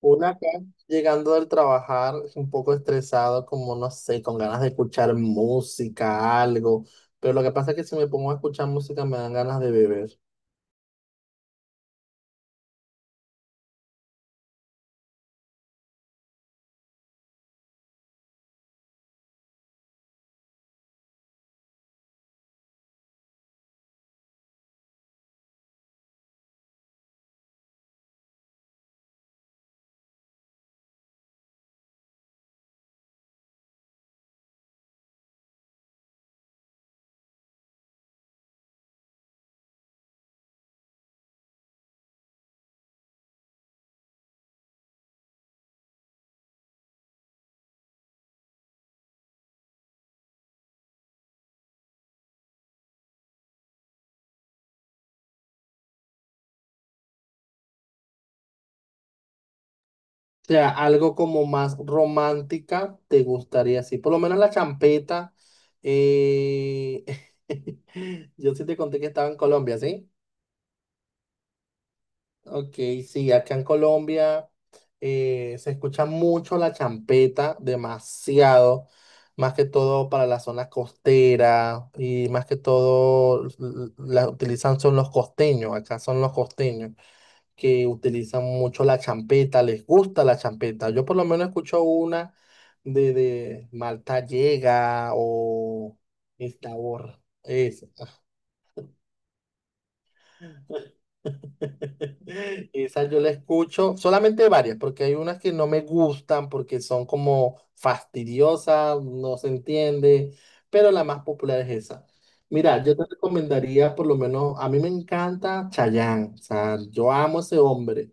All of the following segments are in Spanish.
Uno acá, llegando del trabajar, un poco estresado, como no sé, con ganas de escuchar música, algo. Pero lo que pasa es que si me pongo a escuchar música me dan ganas de beber. O sea, algo como más romántica te gustaría, sí. Por lo menos la champeta. eh, Yo sí te conté que estaba en Colombia, ¿sí? Ok, sí, acá en Colombia se escucha mucho la champeta, demasiado, más que todo para la zona costera y más que todo la utilizan son los costeños, acá son los costeños que utilizan mucho la champeta, les gusta la champeta. Yo por lo menos escucho una de Malta Llega o esta borra, esa yo la escucho, solamente varias, porque hay unas que no me gustan porque son como fastidiosas, no se entiende, pero la más popular es esa. Mira, yo te recomendaría por lo menos, a mí me encanta Chayanne, o sea, yo amo a ese hombre.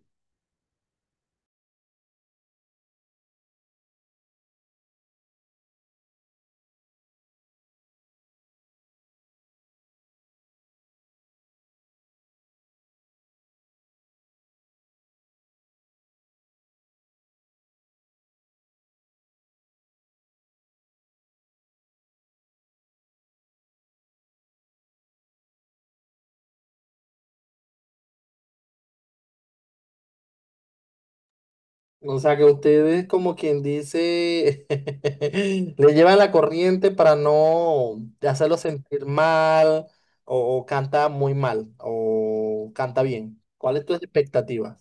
O sea, que ustedes como quien dice, le llevan la corriente para no hacerlo sentir mal o, canta muy mal o canta bien. ¿Cuál es tu expectativa?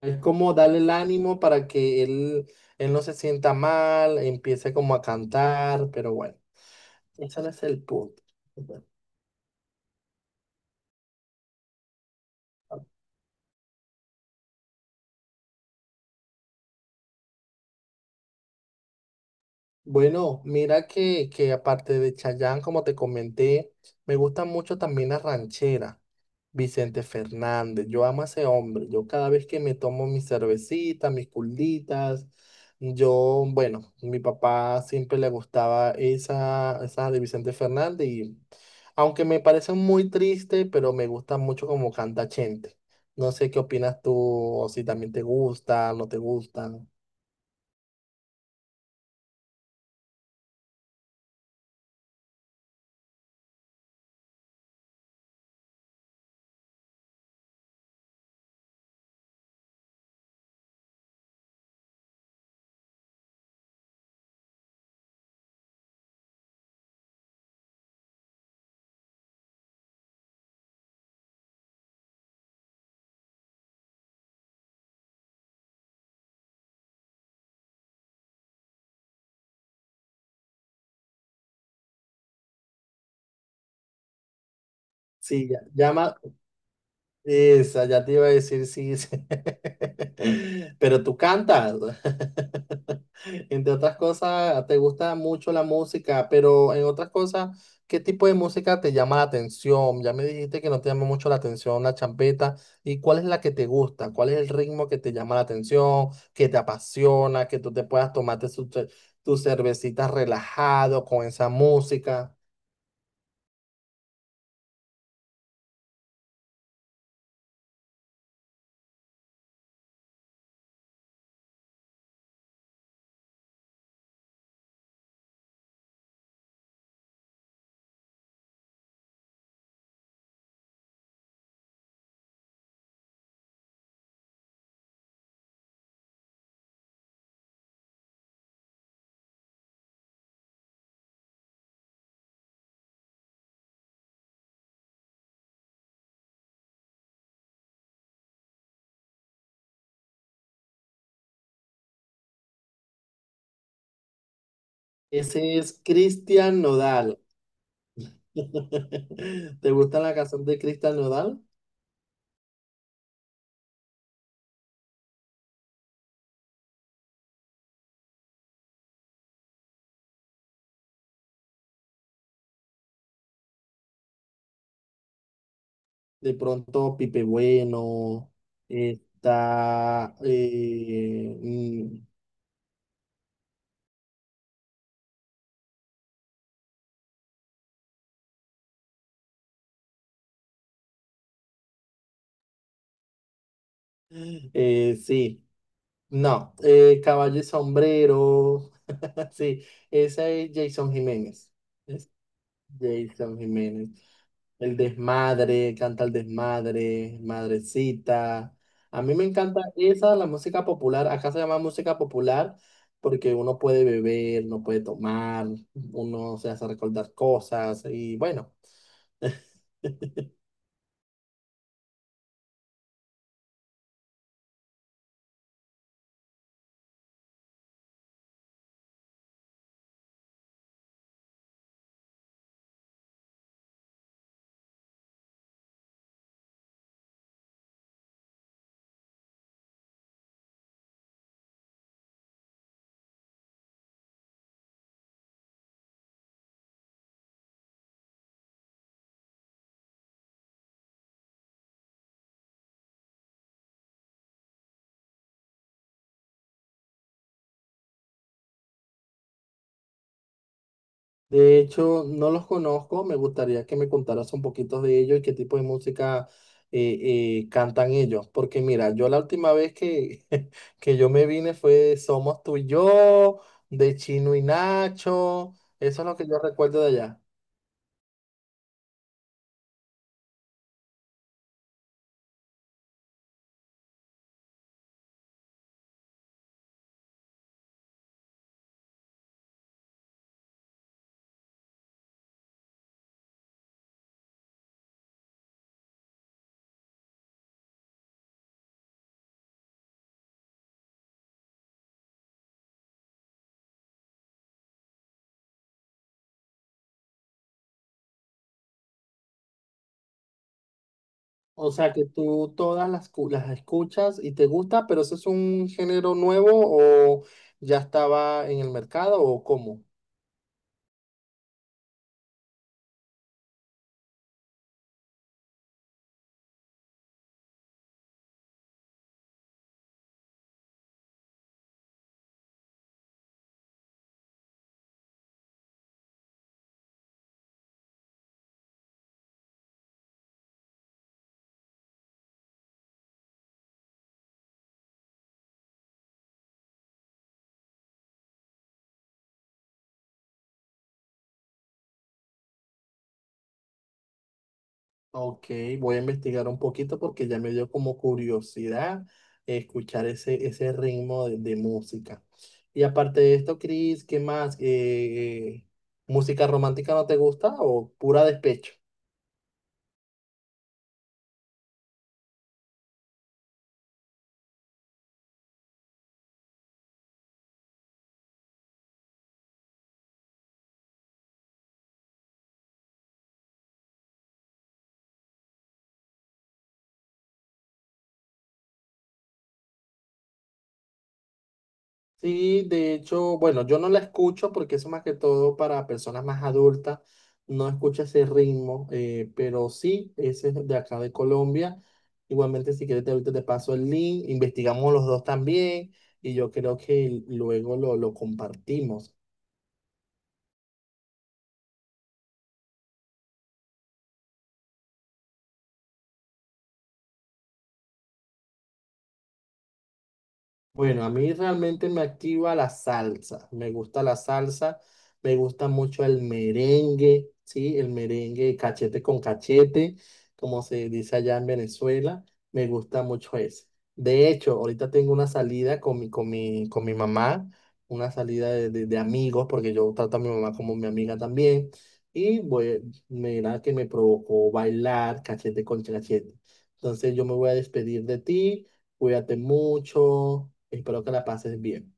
Es como darle el ánimo para que él no se sienta mal, empiece como a cantar, pero bueno, ese no es el punto. Bueno, mira que aparte de Chayanne, como te comenté, me gustan mucho también las rancheras. Vicente Fernández, yo amo a ese hombre. Yo cada vez que me tomo mi cervecita, mis culditas, yo, bueno, mi papá siempre le gustaba esa de Vicente Fernández y aunque me parece muy triste, pero me gusta mucho como canta Chente. No sé qué opinas tú, o si también te gusta, no te gusta. Sí, ya, llama. Esa, ya te iba a decir sí. Sí. Pero tú cantas. Entre otras cosas, te gusta mucho la música, pero en otras cosas, ¿qué tipo de música te llama la atención? Ya me dijiste que no te llama mucho la atención la champeta. ¿Y cuál es la que te gusta? ¿Cuál es el ritmo que te llama la atención, que te apasiona, que tú te puedas tomarte su tus cervecitas relajado con esa música? Ese es Cristian Nodal. ¿Te gusta la canción de Cristian Nodal? De pronto Pipe Bueno, está... sí, no, Caballo y Sombrero, sí, esa es Jason Jiménez. Es Jason Jiménez. El desmadre, canta el desmadre, madrecita. A mí me encanta esa, la música popular. Acá se llama música popular porque uno puede beber, no puede tomar, uno se hace recordar cosas y bueno. De hecho, no los conozco, me gustaría que me contaras un poquito de ellos y qué tipo de música cantan ellos, porque mira, yo la última vez que, que yo me vine fue de Somos tú y yo, de Chino y Nacho, eso es lo que yo recuerdo de allá. O sea que tú todas las, las escuchas y te gusta, pero eso es un género nuevo o ya estaba en el mercado o cómo. Ok, voy a investigar un poquito porque ya me dio como curiosidad escuchar ese ritmo de música. Y aparte de esto, Chris, ¿qué más? ¿Música romántica no te gusta o pura despecho? Sí, de hecho, bueno, yo no la escucho porque eso más que todo para personas más adultas, no escucha ese ritmo, pero sí, ese es de acá de Colombia. Igualmente, si quieres, te, ahorita te paso el link, investigamos los dos también y yo creo que luego lo compartimos. Bueno, a mí realmente me activa la salsa. Me gusta la salsa, me gusta mucho el merengue, ¿sí? El merengue cachete con cachete, como se dice allá en Venezuela. Me gusta mucho ese. De hecho, ahorita tengo una salida con mi mamá, una salida de, de amigos, porque yo trato a mi mamá como mi amiga también. Y voy, mira que me provocó bailar cachete con cachete. Entonces yo me voy a despedir de ti. Cuídate mucho. Espero que la pases bien.